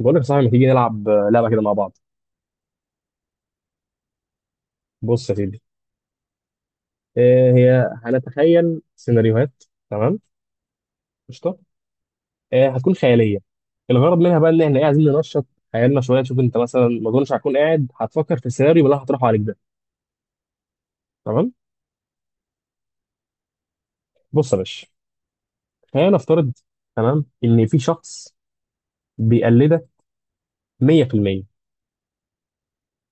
بقول لك يا صاحبي ما تيجي نلعب لعبه كده مع بعض. بص يا سيدي. هي هنتخيل سيناريوهات. تمام. قشطه. هتكون خياليه. الغرض منها بقى ان احنا عايزين ننشط خيالنا شويه. نشوف انت مثلا ما اظنش هتكون قاعد هتفكر في السيناريو اللي أنا هطرحه عليك ده. تمام. بص يا باشا، خلينا نفترض، تمام، ان في شخص بيقلدك 100%،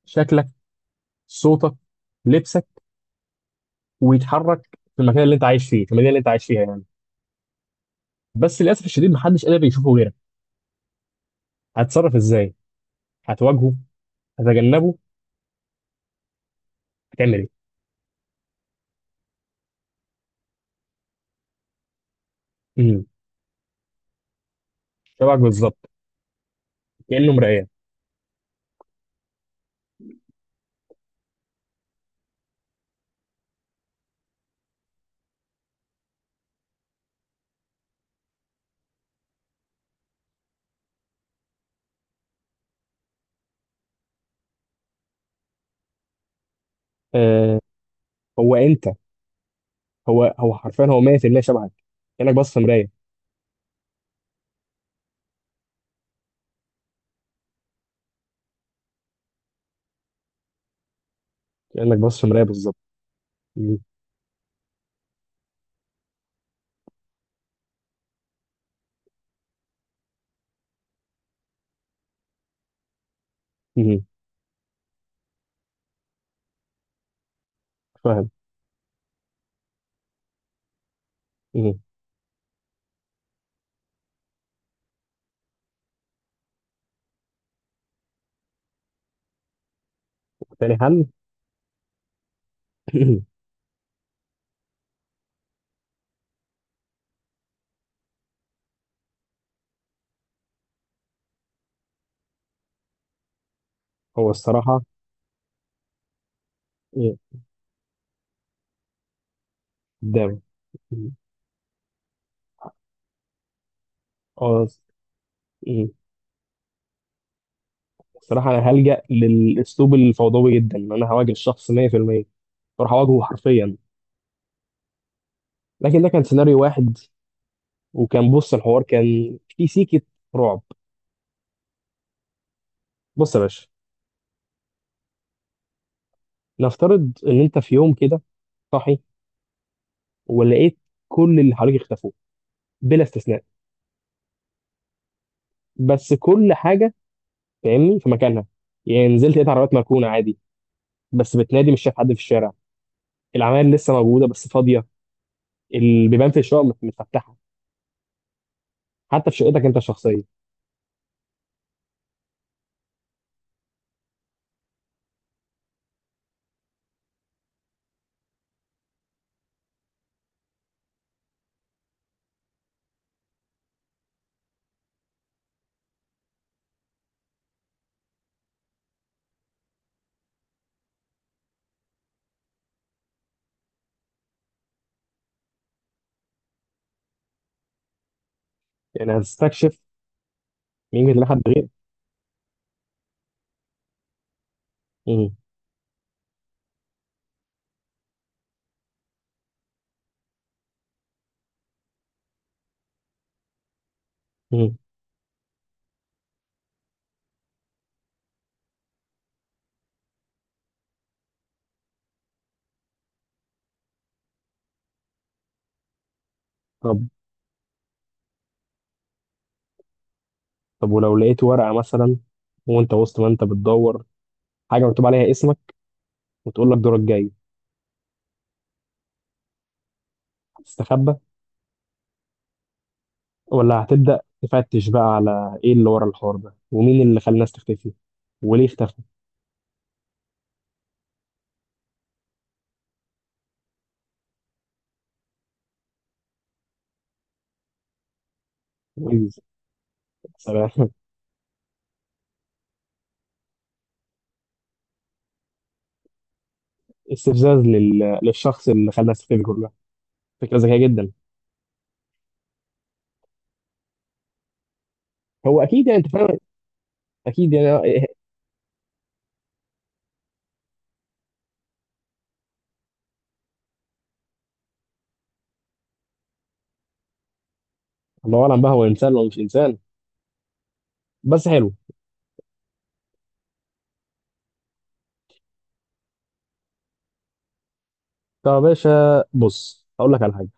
شكلك، صوتك، لبسك، ويتحرك في المكان اللي انت عايش فيه، في المدينه اللي انت عايش فيها يعني. بس للاسف الشديد محدش قادر يشوفه غيرك. هتتصرف ازاي؟ هتواجهه؟ هتجنبه؟ هتعمل ايه؟ امم شبهك بالظبط، كانه مرايه. آه، هو انت. هو حرفيا هو 100% شبهك، كانك بص في مرايه، كانك بص في مرايه بالظبط. مم. مم. فاهم. مم. تاني حل. هو الصراحه، مم، قدام، مم، اه، مم، الصراحه انا هلجأ للاسلوب الفوضوي جدا، ان انا هواجه الشخص 100%، اروح اواجهه حرفيا. لكن ده كان سيناريو واحد. وكان بص الحوار كان في سيكه رعب. بص يا باشا، نفترض ان انت في يوم كده صاحي، ولقيت كل اللي حواليك اختفوا بلا استثناء، بس كل حاجه فاهمني في مكانها. يعني نزلت لقيت عربيات مركونه عادي، بس بتنادي مش شايف حد في الشارع، العماير لسه موجوده بس فاضيه، البيبان في الشقق متفتحه، حتى في شقتك انت الشخصيه. يعني هتستكشف مين اللي حد غير. مم. مم. طب. طب ولو لقيت ورقه مثلا، وانت وسط ما انت بتدور، حاجه مكتوب عليها اسمك وتقول لك دورك جاي، هتستخبى ولا هتبدا تفتش بقى على ايه اللي ورا الحوار ده ومين اللي خلى الناس تختفي وليه اختفى؟ ويجز. صراحة استفزاز للشخص اللي خلى السفر دي كلها. فكرة ذكية جدا. هو أكيد يعني أنت فاهم، أكيد يعني إيه، الله أعلم بقى هو إنسان ولا مش إنسان. بس حلو. طب يا باشا بص أقول لك على حاجة،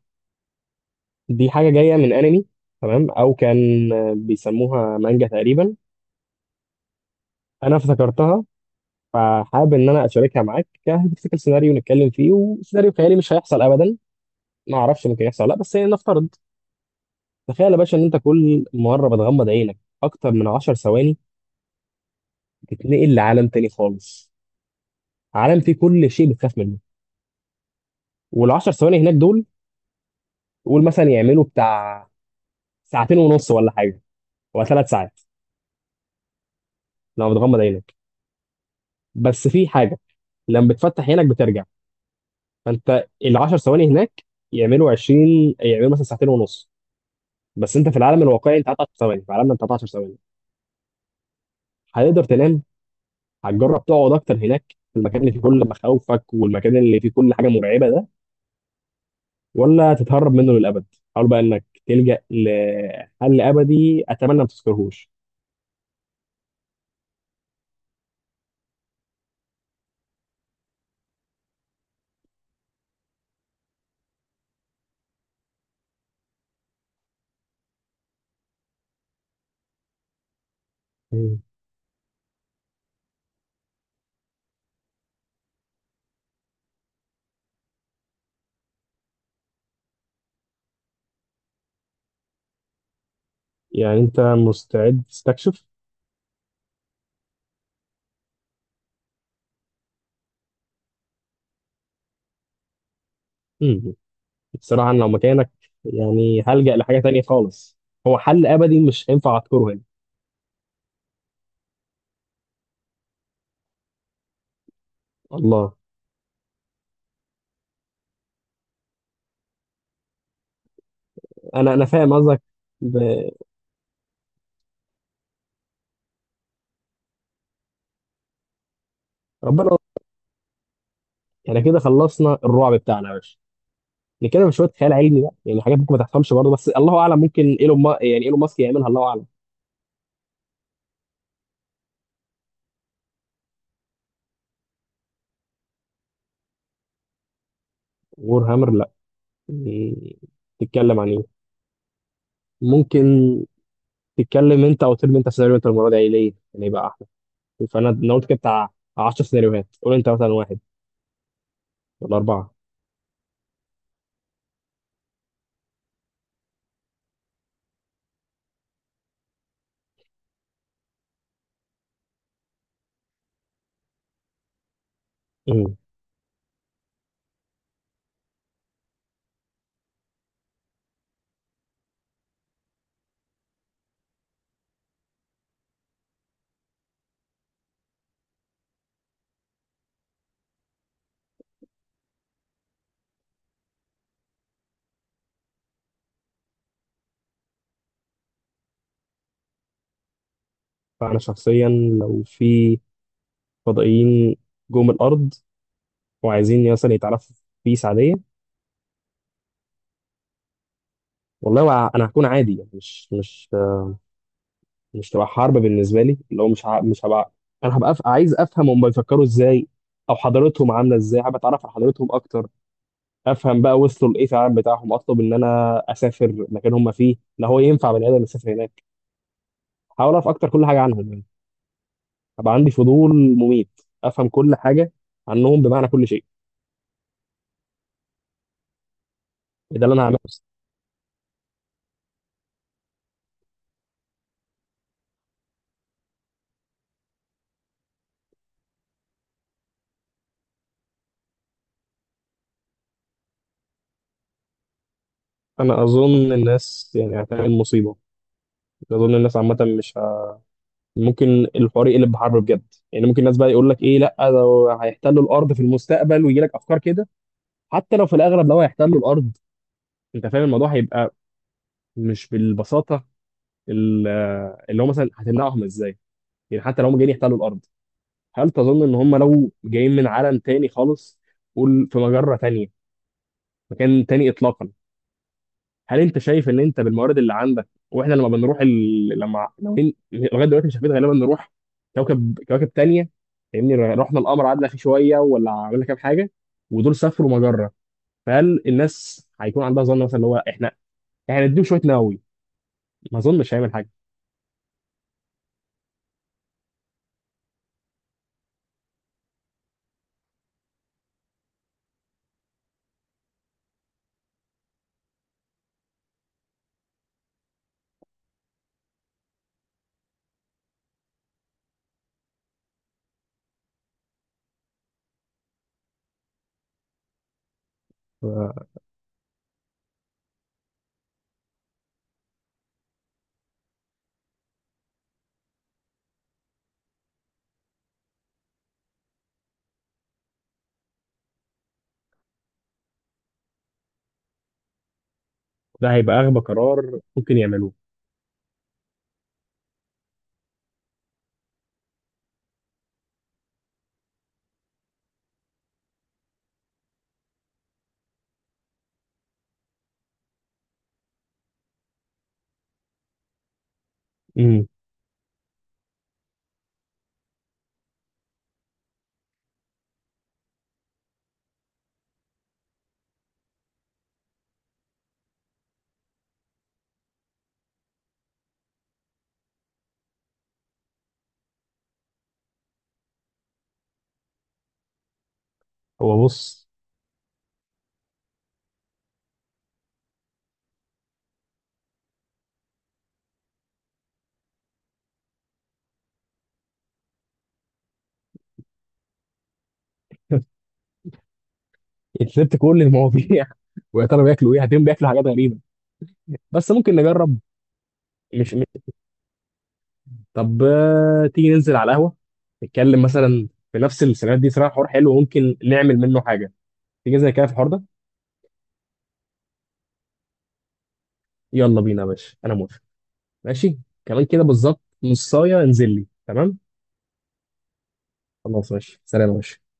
دي حاجة جاية من أنمي، تمام، أو كان بيسموها مانجا تقريبا. أنا افتكرتها فحابب إن أنا أشاركها معاك كهيبوثيكال سيناريو نتكلم فيه، وسيناريو خيالي مش هيحصل أبدا. ما أعرفش ممكن يحصل ولا لأ، بس يعني نفترض. تخيل يا باشا إن أنت كل مرة بتغمض عينك أكتر من 10 ثواني، تتنقل لعالم تاني خالص. عالم فيه كل شيء بتخاف منه. والعشر ثواني هناك دول قول مثلا يعملوا بتاع ساعتين ونص ولا حاجه، ولا ثلاث ساعات، لما بتغمض عينك. بس في حاجه، لما بتفتح عينك بترجع. فانت العشر ثواني هناك يعملوا 20، يعملوا مثلا ساعتين ونص، بس انت في العالم الواقعي انت قعدت 10 ثواني، في عالمنا انت قعدت 10 ثواني. هتقدر تنام؟ هتجرب تقعد اكتر هناك، في المكان اللي فيه كل مخاوفك والمكان اللي فيه كل حاجه مرعبه ده؟ ولا تتهرب منه للأبد؟ حاول بقى إنك تلجأ لحل أبدي أتمنى ما تذكرهوش. مم. يعني أنت مستعد تستكشف؟ مم. بصراحة أنا لو مكانك، يعني هلجأ لحاجة تانية خالص. هو حل أبدي مش هينفع أذكره هنا. الله. أنا فاهم قصدك. ب... ربنا. يعني كده خلصنا الرعب بتاعنا يا باشا. نتكلم شوية خيال علمي بقى، يعني حاجات ممكن ما تفهمش برضه، بس الله أعلم ممكن إيلون ما... يعني إيلون ماسك يعملها، الله أعلم. وور هامر، لا. مم. تتكلم عن إيه؟ ممكن تتكلم انت او ترمي انت سيناريو انت المره دي، يعني ليه؟ يعني يبقى احلى. فانا قلت كده بتاع 10 سيناريوهات، قول انت مثلا واحد ولا اربعه. امم. فانا شخصيا لو في فضائيين جم الارض وعايزين مثلا يتعرفوا بيس عاديه، والله انا هكون عادي يعني، مش تبقى حرب بالنسبه لي، اللي هو مش هبقى، انا هبقى عايز افهم هم بيفكروا ازاي، او حضارتهم عامله ازاي، حابب اتعرف على حضارتهم اكتر. افهم بقى وصلوا لايه في العالم بتاعهم. اطلب ان انا اسافر مكان هم فيه، لا هو ينفع بني ادم يسافر هناك. هحاول اعرف اكتر كل حاجه عنهم يعني، هبقى عندي فضول مميت افهم كل حاجه عنهم، بمعنى كل شيء. إيه ده اللي انا هعمله بس. انا اظن الناس يعني هتعمل مصيبه. اظن الناس عامه مش ه... ممكن الحوار يقلب بحرب بجد. يعني ممكن الناس بقى يقول لك ايه، لا ده هيحتلوا الارض في المستقبل، ويجي لك افكار كده. حتى لو في الاغلب لو هيحتلوا الارض، انت فاهم الموضوع هيبقى مش بالبساطه. ال- اللي هو مثلا هتمنعهم ازاي. يعني حتى لو هم جايين يحتلوا الارض، هل تظن ان هم لو جايين من عالم تاني خالص، قول في مجره تانيه، مكان تاني اطلاقا، هل انت شايف ان انت بالموارد اللي عندك، واحنا لما لما ناويين لغايه دلوقتي مش عارفين غالبا نروح كوكب، كواكب تانية، فاهمني؟ رحنا القمر قعدنا فيه شويه ولا عملنا كام حاجه، ودول سافروا مجره. فهل الناس هيكون عندها ظن مثلا اللي هو احنا نديهم شويه نووي، ما اظنش هيعمل حاجه. ف- ده هيبقى اغبى قرار ممكن يعملوه. امم. هو بص، انت سبت كل المواضيع. ويا ترى بياكلوا ايه، هتلاقيهم بياكلوا حاجات غريبه، بس ممكن نجرب. مش، طب تيجي ننزل على القهوة، نتكلم مثلا في نفس السيناريوهات دي؟ صراحة حوار حلو ممكن نعمل منه حاجة. تيجي زي كده في الحوار ده؟ يلا بينا يا باشا أنا موافق. ماشي. كمان كده بالظبط، نصاية انزل لي. تمام. خلاص، ماشي، سلام يا باشا.